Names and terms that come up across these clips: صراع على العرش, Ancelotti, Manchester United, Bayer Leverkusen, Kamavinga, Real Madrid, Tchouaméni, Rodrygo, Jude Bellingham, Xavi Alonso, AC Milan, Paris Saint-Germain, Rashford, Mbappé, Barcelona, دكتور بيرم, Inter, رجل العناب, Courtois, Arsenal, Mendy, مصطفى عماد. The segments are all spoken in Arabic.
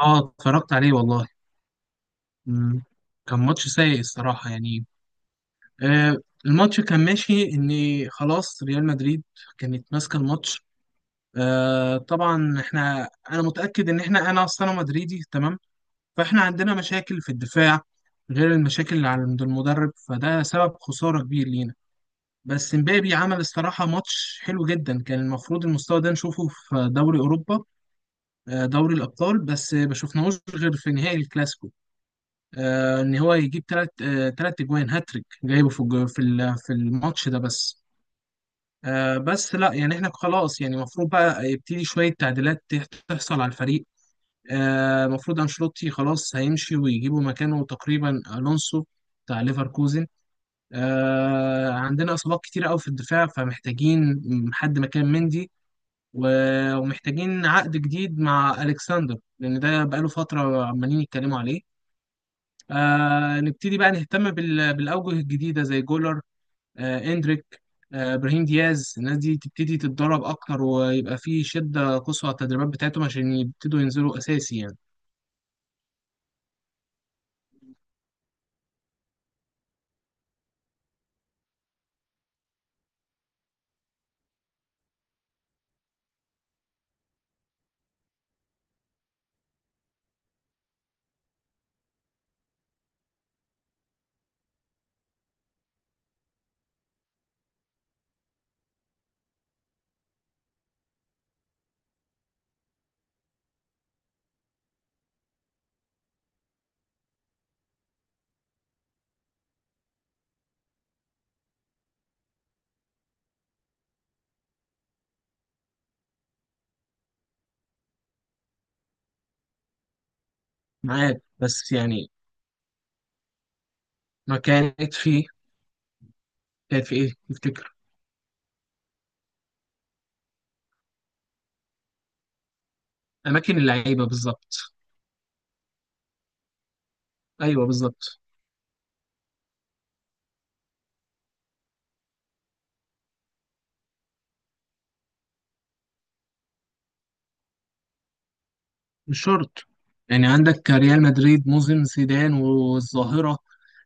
اه اتفرجت عليه والله. مم. كان ماتش سيء الصراحة يعني. آه الماتش كان ماشي ان خلاص، ريال مدريد كانت ماسكة الماتش. طبعا انا متأكد ان انا اصلا مدريدي، تمام. فاحنا عندنا مشاكل في الدفاع، غير المشاكل اللي عند المدرب، فده سبب خسارة كبير لينا. بس مبابي عمل الصراحة ماتش حلو جدا، كان المفروض المستوى ده نشوفه في دوري أوروبا، دوري الأبطال، بس ما شفناهوش غير في نهائي الكلاسيكو. ان هو يجيب ثلاث اجوان، هاتريك جايبه في الج- في ال- في الماتش ده بس. بس لا يعني احنا خلاص، يعني المفروض بقى يبتدي شويه تعديلات تحصل على الفريق. المفروض انشيلوتي خلاص هيمشي، ويجيبوا مكانه تقريبا الونسو بتاع ليفركوزن. عندنا اصابات كتير قوي في الدفاع، فمحتاجين حد مكان مندي، ومحتاجين عقد جديد مع الكسندر، لان ده بقاله فتره عمالين يتكلموا عليه. نبتدي بقى نهتم بالأوجه الجديدة، زي جولر، إندريك، إبراهيم دياز. الناس دي تبتدي تتدرب أكتر، ويبقى في شدة قصوى على التدريبات بتاعتهم عشان يبتدوا ينزلوا أساسي يعني. معاك، بس يعني ما كانت في. كانت في إيه تفتكر؟ أماكن اللعيبة بالظبط. أيوه، بالظبط. مش شرط، يعني عندك ريال مدريد موسم زيدان والظاهرة.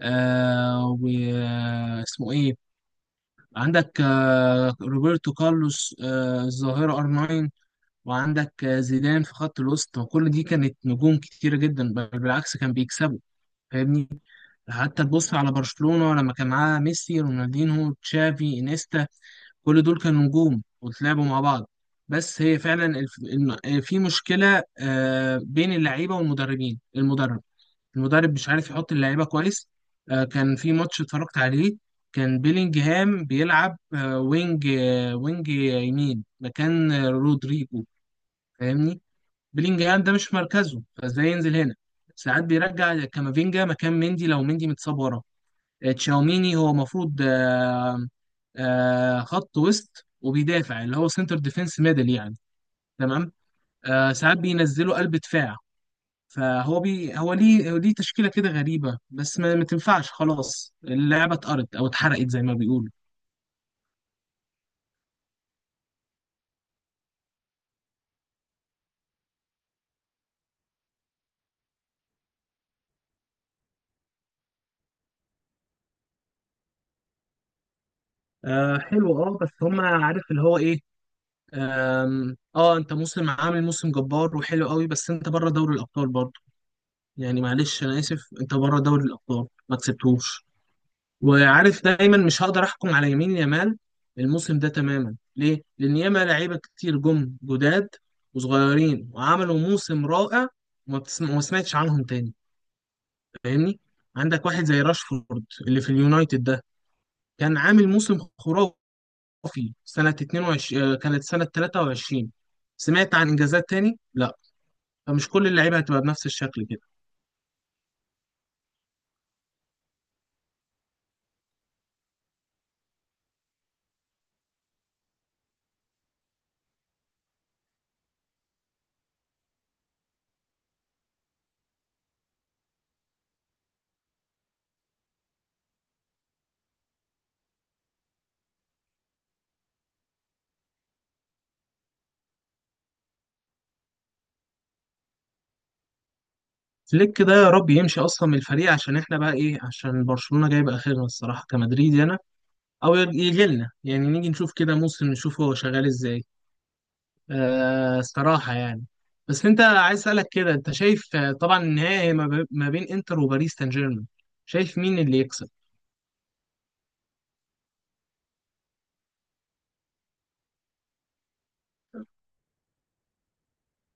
واسمه إيه، عندك روبرتو كارلوس، الظاهرة ار 9، وعندك زيدان في خط الوسط، وكل دي كانت نجوم كتيرة جدا، بل بالعكس كان بيكسبوا. فاهمني؟ حتى تبص على برشلونة لما كان معاه ميسي، رونالدينهو، تشافي، انيستا، كل دول كانوا نجوم، وتلعبوا مع بعض. بس هي فعلا الف... الم- آه، في مشكلة بين اللعيبة والمدربين. المدرب مش عارف يحط اللعيبه كويس. كان في ماتش اتفرجت عليه، كان بيلينجهام بيلعب وينج، يمين مكان رودريجو. فاهمني؟ بيلينجهام ده مش مركزه، فازاي ينزل هنا؟ ساعات بيرجع كامافينجا مكان مندي لو مندي متصاب ورا. تشاوميني هو المفروض خط وسط وبيدافع، اللي هو سنتر ديفense ميدل يعني. تمام. ساعات بينزلوا قلب دفاع. فهو هو ليه تشكيلة كده غريبة، بس ما تنفعش خلاص، اللعبة اتقرت أو اتحرقت زي ما بيقولوا. حلو. اه بس هما عارف اللي هو ايه. آم، اه انت عامل موسم جبار وحلو قوي، بس انت بره دوري الأبطال برضه. يعني معلش أنا آسف، انت بره دوري الأبطال ما كسبتهوش، وعارف دايما مش هقدر أحكم على يمين يامال الموسم ده تماما. ليه؟ لأن ياما لعيبة كتير جم جداد وصغيرين، وعملوا موسم رائع، وما سمعتش عنهم تاني. فاهمني؟ عندك واحد زي راشفورد اللي في اليونايتد ده، كان عامل موسم خرافي سنة 22، كانت سنة 23. سمعت عن إنجازات تاني؟ لا. فمش كل اللعيبة هتبقى بنفس الشكل كده. فليك ده يا رب يمشي أصلا من الفريق، عشان إحنا بقى إيه، عشان برشلونة جايب آخرنا الصراحة كمدريدي أنا، أو يجي لنا يعني، نيجي نشوف كده موسم، نشوف هو شغال إزاي. الصراحة يعني. بس أنت عايز أسألك كده، أنت شايف طبعا النهائي ما بين إنتر وباريس سان جيرمان، شايف مين اللي يكسب؟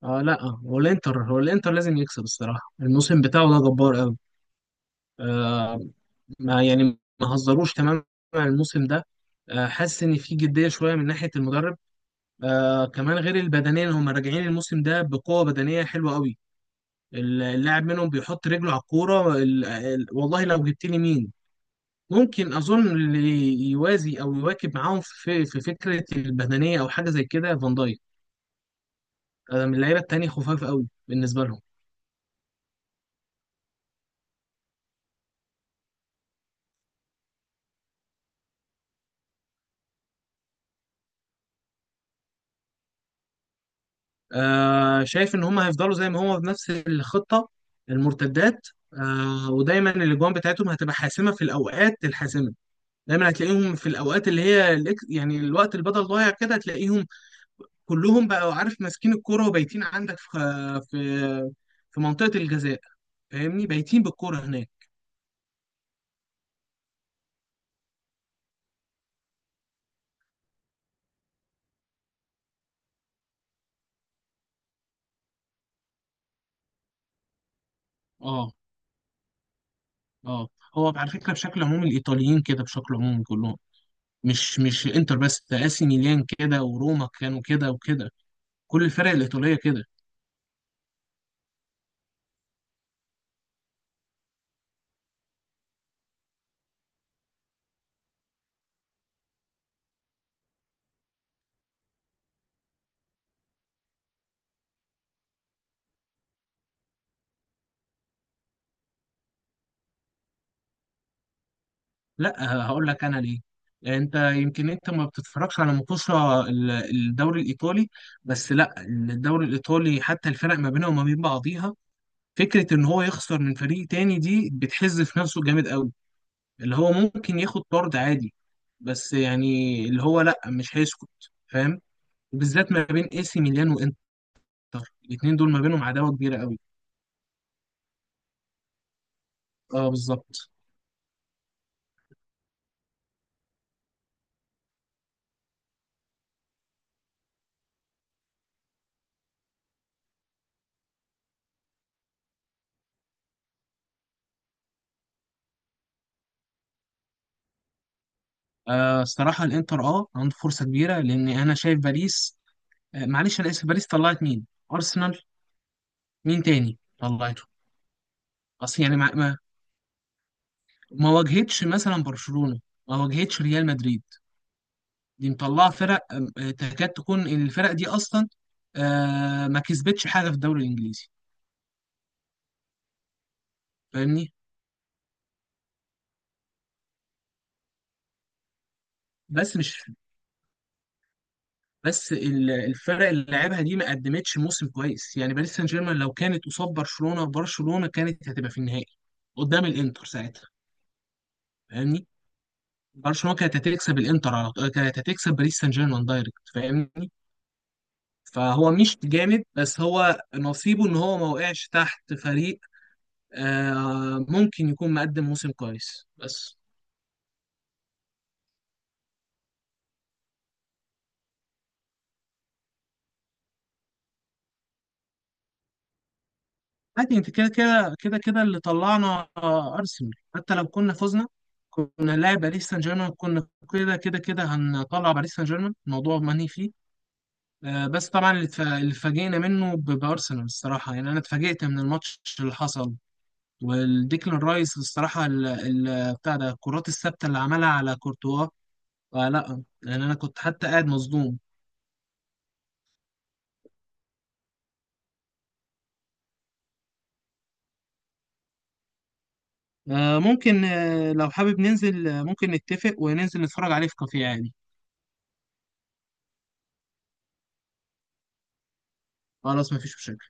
اه لا، هو الانتر، لازم يكسب الصراحه، الموسم بتاعه ده جبار قوي. آه ما يعني ما هزروش تماما الموسم ده. حاسس ان في جديه شويه من ناحيه المدرب. كمان غير البدنيه، هم راجعين الموسم ده بقوه بدنيه حلوه قوي. اللاعب منهم بيحط رجله على الكوره والله لو جبت لي مين ممكن اظن اللي يوازي او يواكب معاهم في فكره البدنيه، او حاجه زي كده، فان دايك من اللعيبه التانيه، خفاف قوي بالنسبه لهم. شايف ان هم هيفضلوا زي ما هم بنفس الخطه، المرتدات، ودايما الاجوان بتاعتهم هتبقى حاسمه في الاوقات الحاسمه. دايما هتلاقيهم في الاوقات اللي هي يعني الوقت اللي بدل ضايع كده، هتلاقيهم كلهم، بقوا عارف ماسكين الكوره، وبايتين عندك في في منطقه الجزاء. فاهمني؟ بايتين بالكوره هناك. اه. اه. هو على فكره بشكل عمومي الايطاليين كده، بشكل عمومي كلهم، مش انتر بس، ده اسي ميلان كده، وروما كانوا كده وكده، كل الفرق الايطاليه كده. لا، هقول لك انا ليه، انت يمكن انت ما بتتفرجش على مطوشه الدوري الايطالي. بس لا، الدوري الايطالي حتى الفرق ما بينها وما بين بعضيها، فكره ان هو يخسر من فريق تاني دي بتحز في نفسه جامد قوي، اللي هو ممكن ياخد طرد عادي، بس يعني اللي هو لا، مش هيسكت. فاهم؟ بالذات ما بين اي سي ميلان وانتر، الاثنين دول ما بينهم عداوه كبيره قوي. اه، بالظبط. الصراحه الانتر عنده فرصه كبيره، لان انا شايف باريس، معلش انا اسف، باريس طلعت مين؟ ارسنال. مين تاني طلعته؟ اصل يعني ما واجهتش مثلا برشلونة، ما واجهتش ريال مدريد، دي مطلعه فرق تكاد تكون الفرق دي اصلا ما كسبتش حاجه في الدوري الانجليزي. فاهمني؟ بس مش بس الفرق اللي لعبها دي ما قدمتش موسم كويس، يعني باريس سان جيرمان لو كانت قصاد برشلونة، برشلونة كانت هتبقى في النهائي قدام الانتر ساعتها. فاهمني؟ برشلونة كانت هتكسب الانتر على طول، كانت هتكسب باريس سان جيرمان دايركت. فاهمني؟ فهو مش جامد، بس هو نصيبه ان هو ما وقعش تحت فريق ممكن يكون مقدم موسم كويس بس. عادي، انت كده كده كده كده اللي طلعنا ارسنال، حتى لو كنا فزنا كنا لاعب باريس سان جيرمان، كنا كده كده كده هنطلع باريس سان جيرمان، الموضوع ماني فيه. بس طبعا اللي اتفاجئنا منه بارسنال الصراحه، يعني انا اتفاجئت من الماتش اللي حصل، والديكلان رايس الصراحه بتاع ده، الكرات الثابته اللي عملها على كورتوا. لا، لان انا كنت حتى قاعد مصدوم. ممكن، لو حابب ننزل، ممكن نتفق وننزل نتفرج عليه في كافيه عادي. خلاص، مفيش مشاكل.